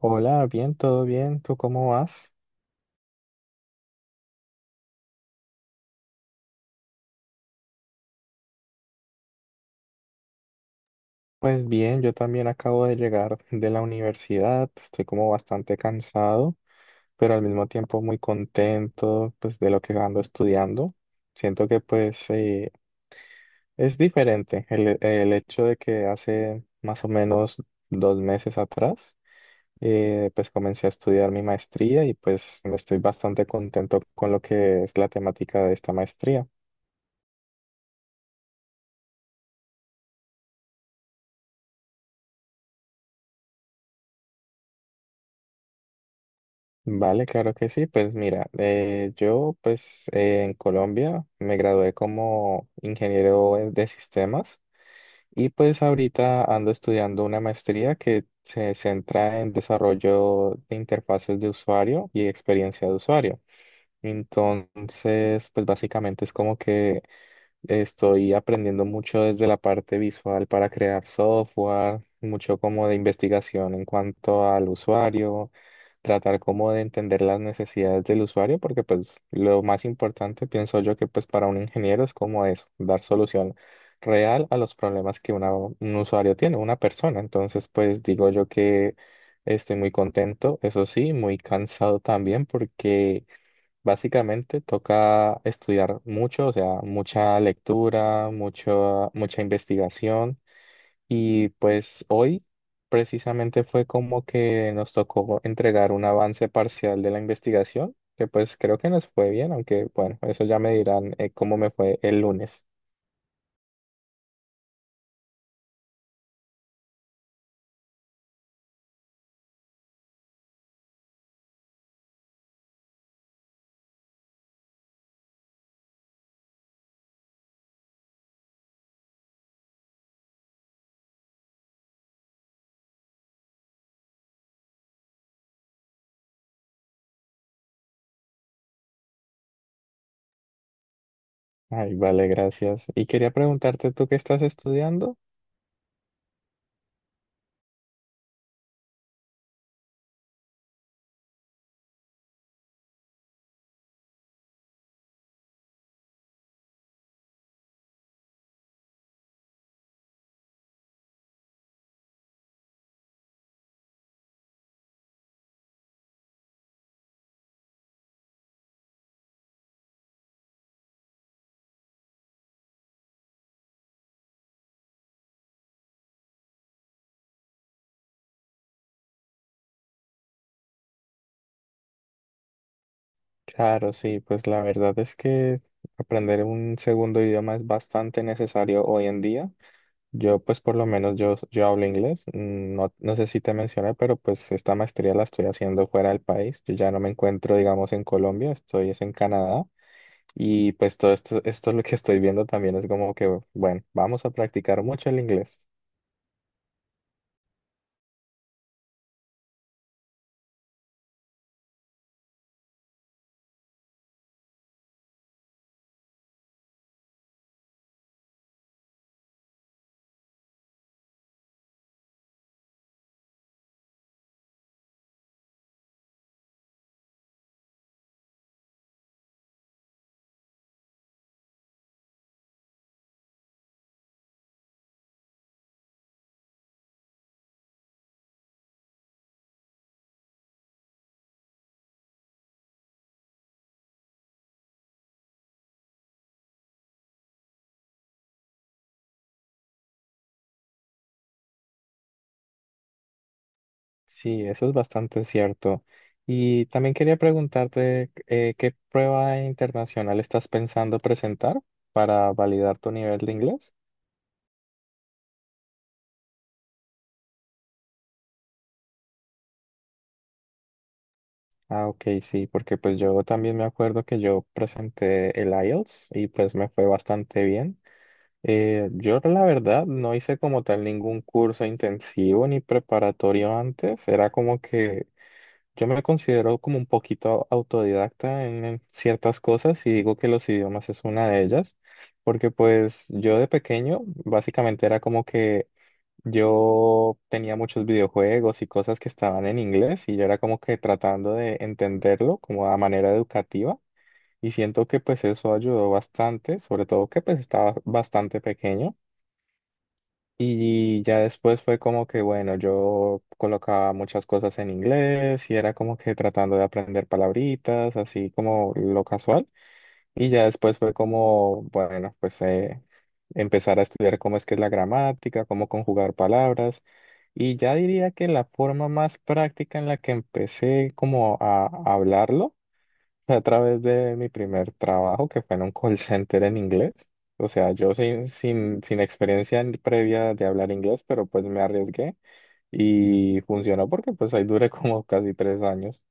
Hola, bien, todo bien, ¿tú cómo vas? Pues bien, yo también acabo de llegar de la universidad, estoy como bastante cansado, pero al mismo tiempo muy contento pues de lo que ando estudiando. Siento que pues es diferente el hecho de que hace más o menos 2 meses atrás pues comencé a estudiar mi maestría y pues estoy bastante contento con lo que es la temática de esta maestría. Vale, claro que sí. Pues mira, yo pues en Colombia me gradué como ingeniero de sistemas y pues ahorita ando estudiando una maestría que se centra en desarrollo de interfaces de usuario y experiencia de usuario. Entonces, pues básicamente es como que estoy aprendiendo mucho desde la parte visual para crear software, mucho como de investigación en cuanto al usuario, tratar como de entender las necesidades del usuario, porque pues lo más importante pienso yo que pues para un ingeniero es como eso, dar solución real a los problemas que un usuario tiene, una persona. Entonces pues digo yo que estoy muy contento, eso sí, muy cansado también porque... Básicamente toca estudiar mucho, o sea, mucha lectura, mucho, mucha investigación. Y pues hoy precisamente fue como que nos tocó entregar un avance parcial de la investigación, que pues creo que nos fue bien, aunque bueno, eso ya me dirán cómo me fue el lunes. Ay, vale, gracias. Y quería preguntarte, ¿tú qué estás estudiando? Claro, sí, pues la verdad es que aprender un segundo idioma es bastante necesario hoy en día. Yo, pues por lo menos yo hablo inglés. No, no sé si te mencioné, pero pues esta maestría la estoy haciendo fuera del país. Yo ya no me encuentro, digamos, en Colombia, estoy es en Canadá. Y pues todo esto, esto lo que estoy viendo también es como que, bueno, vamos a practicar mucho el inglés. Sí, eso es bastante cierto. Y también quería preguntarte, ¿qué prueba internacional estás pensando presentar para validar tu nivel de inglés? Ah, ok, sí, porque pues yo también me acuerdo que yo presenté el IELTS y pues me fue bastante bien. Yo la verdad no hice como tal ningún curso intensivo ni preparatorio antes, era como que yo me considero como un poquito autodidacta en ciertas cosas y digo que los idiomas es una de ellas, porque pues yo de pequeño básicamente era como que yo tenía muchos videojuegos y cosas que estaban en inglés y yo era como que tratando de entenderlo como a manera educativa y siento que pues eso ayudó bastante, sobre todo que pues estaba bastante pequeño y ya después fue como que bueno, yo colocaba muchas cosas en inglés y era como que tratando de aprender palabritas, así como lo casual. Y ya después fue como, bueno, pues empezar a estudiar cómo es que es la gramática, cómo conjugar palabras. Y ya diría que la forma más práctica en la que empecé como a hablarlo fue a través de mi primer trabajo, que fue en un call center en inglés. O sea, yo sin experiencia previa de hablar inglés, pero pues me arriesgué y funcionó porque pues ahí duré como casi 3 años.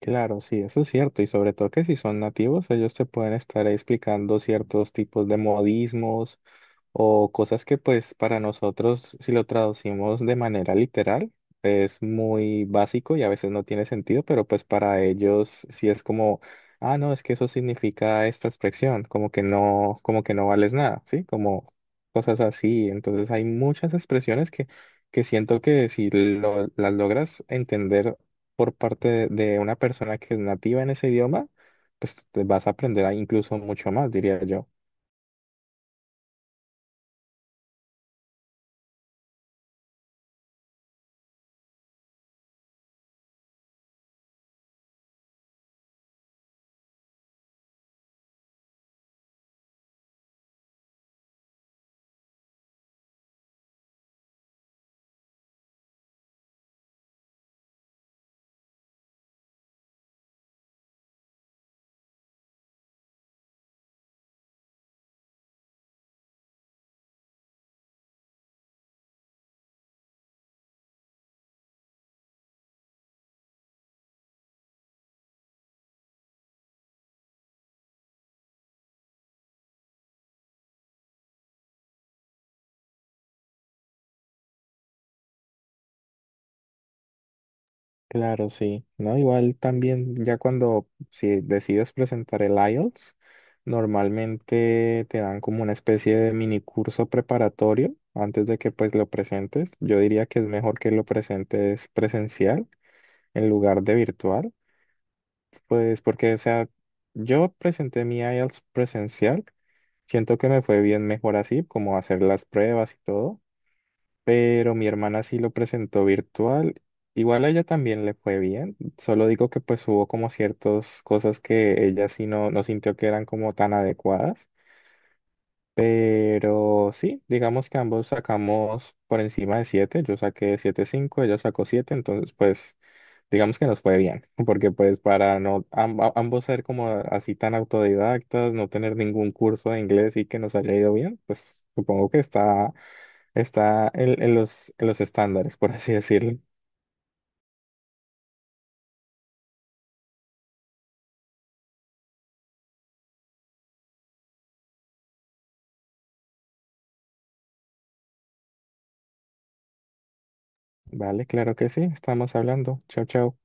Claro, sí, eso es cierto, y sobre todo que si son nativos, ellos te pueden estar explicando ciertos tipos de modismos o cosas que pues para nosotros, si lo traducimos de manera literal, es muy básico y a veces no tiene sentido, pero pues para ellos sí es como, ah, no, es que eso significa esta expresión, como que no vales nada, ¿sí? Como cosas así. Entonces hay muchas expresiones que siento que si las logras entender por parte de una persona que es nativa en ese idioma, pues te vas a aprender incluso mucho más, diría yo. Claro, sí. No, igual también ya cuando si decides presentar el IELTS, normalmente te dan como una especie de mini curso preparatorio antes de que pues lo presentes. Yo diría que es mejor que lo presentes presencial en lugar de virtual, pues porque, o sea, yo presenté mi IELTS presencial, siento que me fue bien mejor así, como hacer las pruebas y todo pero mi hermana sí lo presentó virtual. Igual a ella también le fue bien, solo digo que pues hubo como ciertas cosas que ella sí no, no sintió que eran como tan adecuadas, pero sí, digamos que ambos sacamos por encima de 7, yo saqué 7.5, ella sacó 7, entonces pues digamos que nos fue bien, porque pues para no ambos ser como así tan autodidactas, no tener ningún curso de inglés y que nos haya ido bien, pues supongo que Está en los, en los estándares, por así decirlo. Vale, claro que sí, estamos hablando. Chao, chao.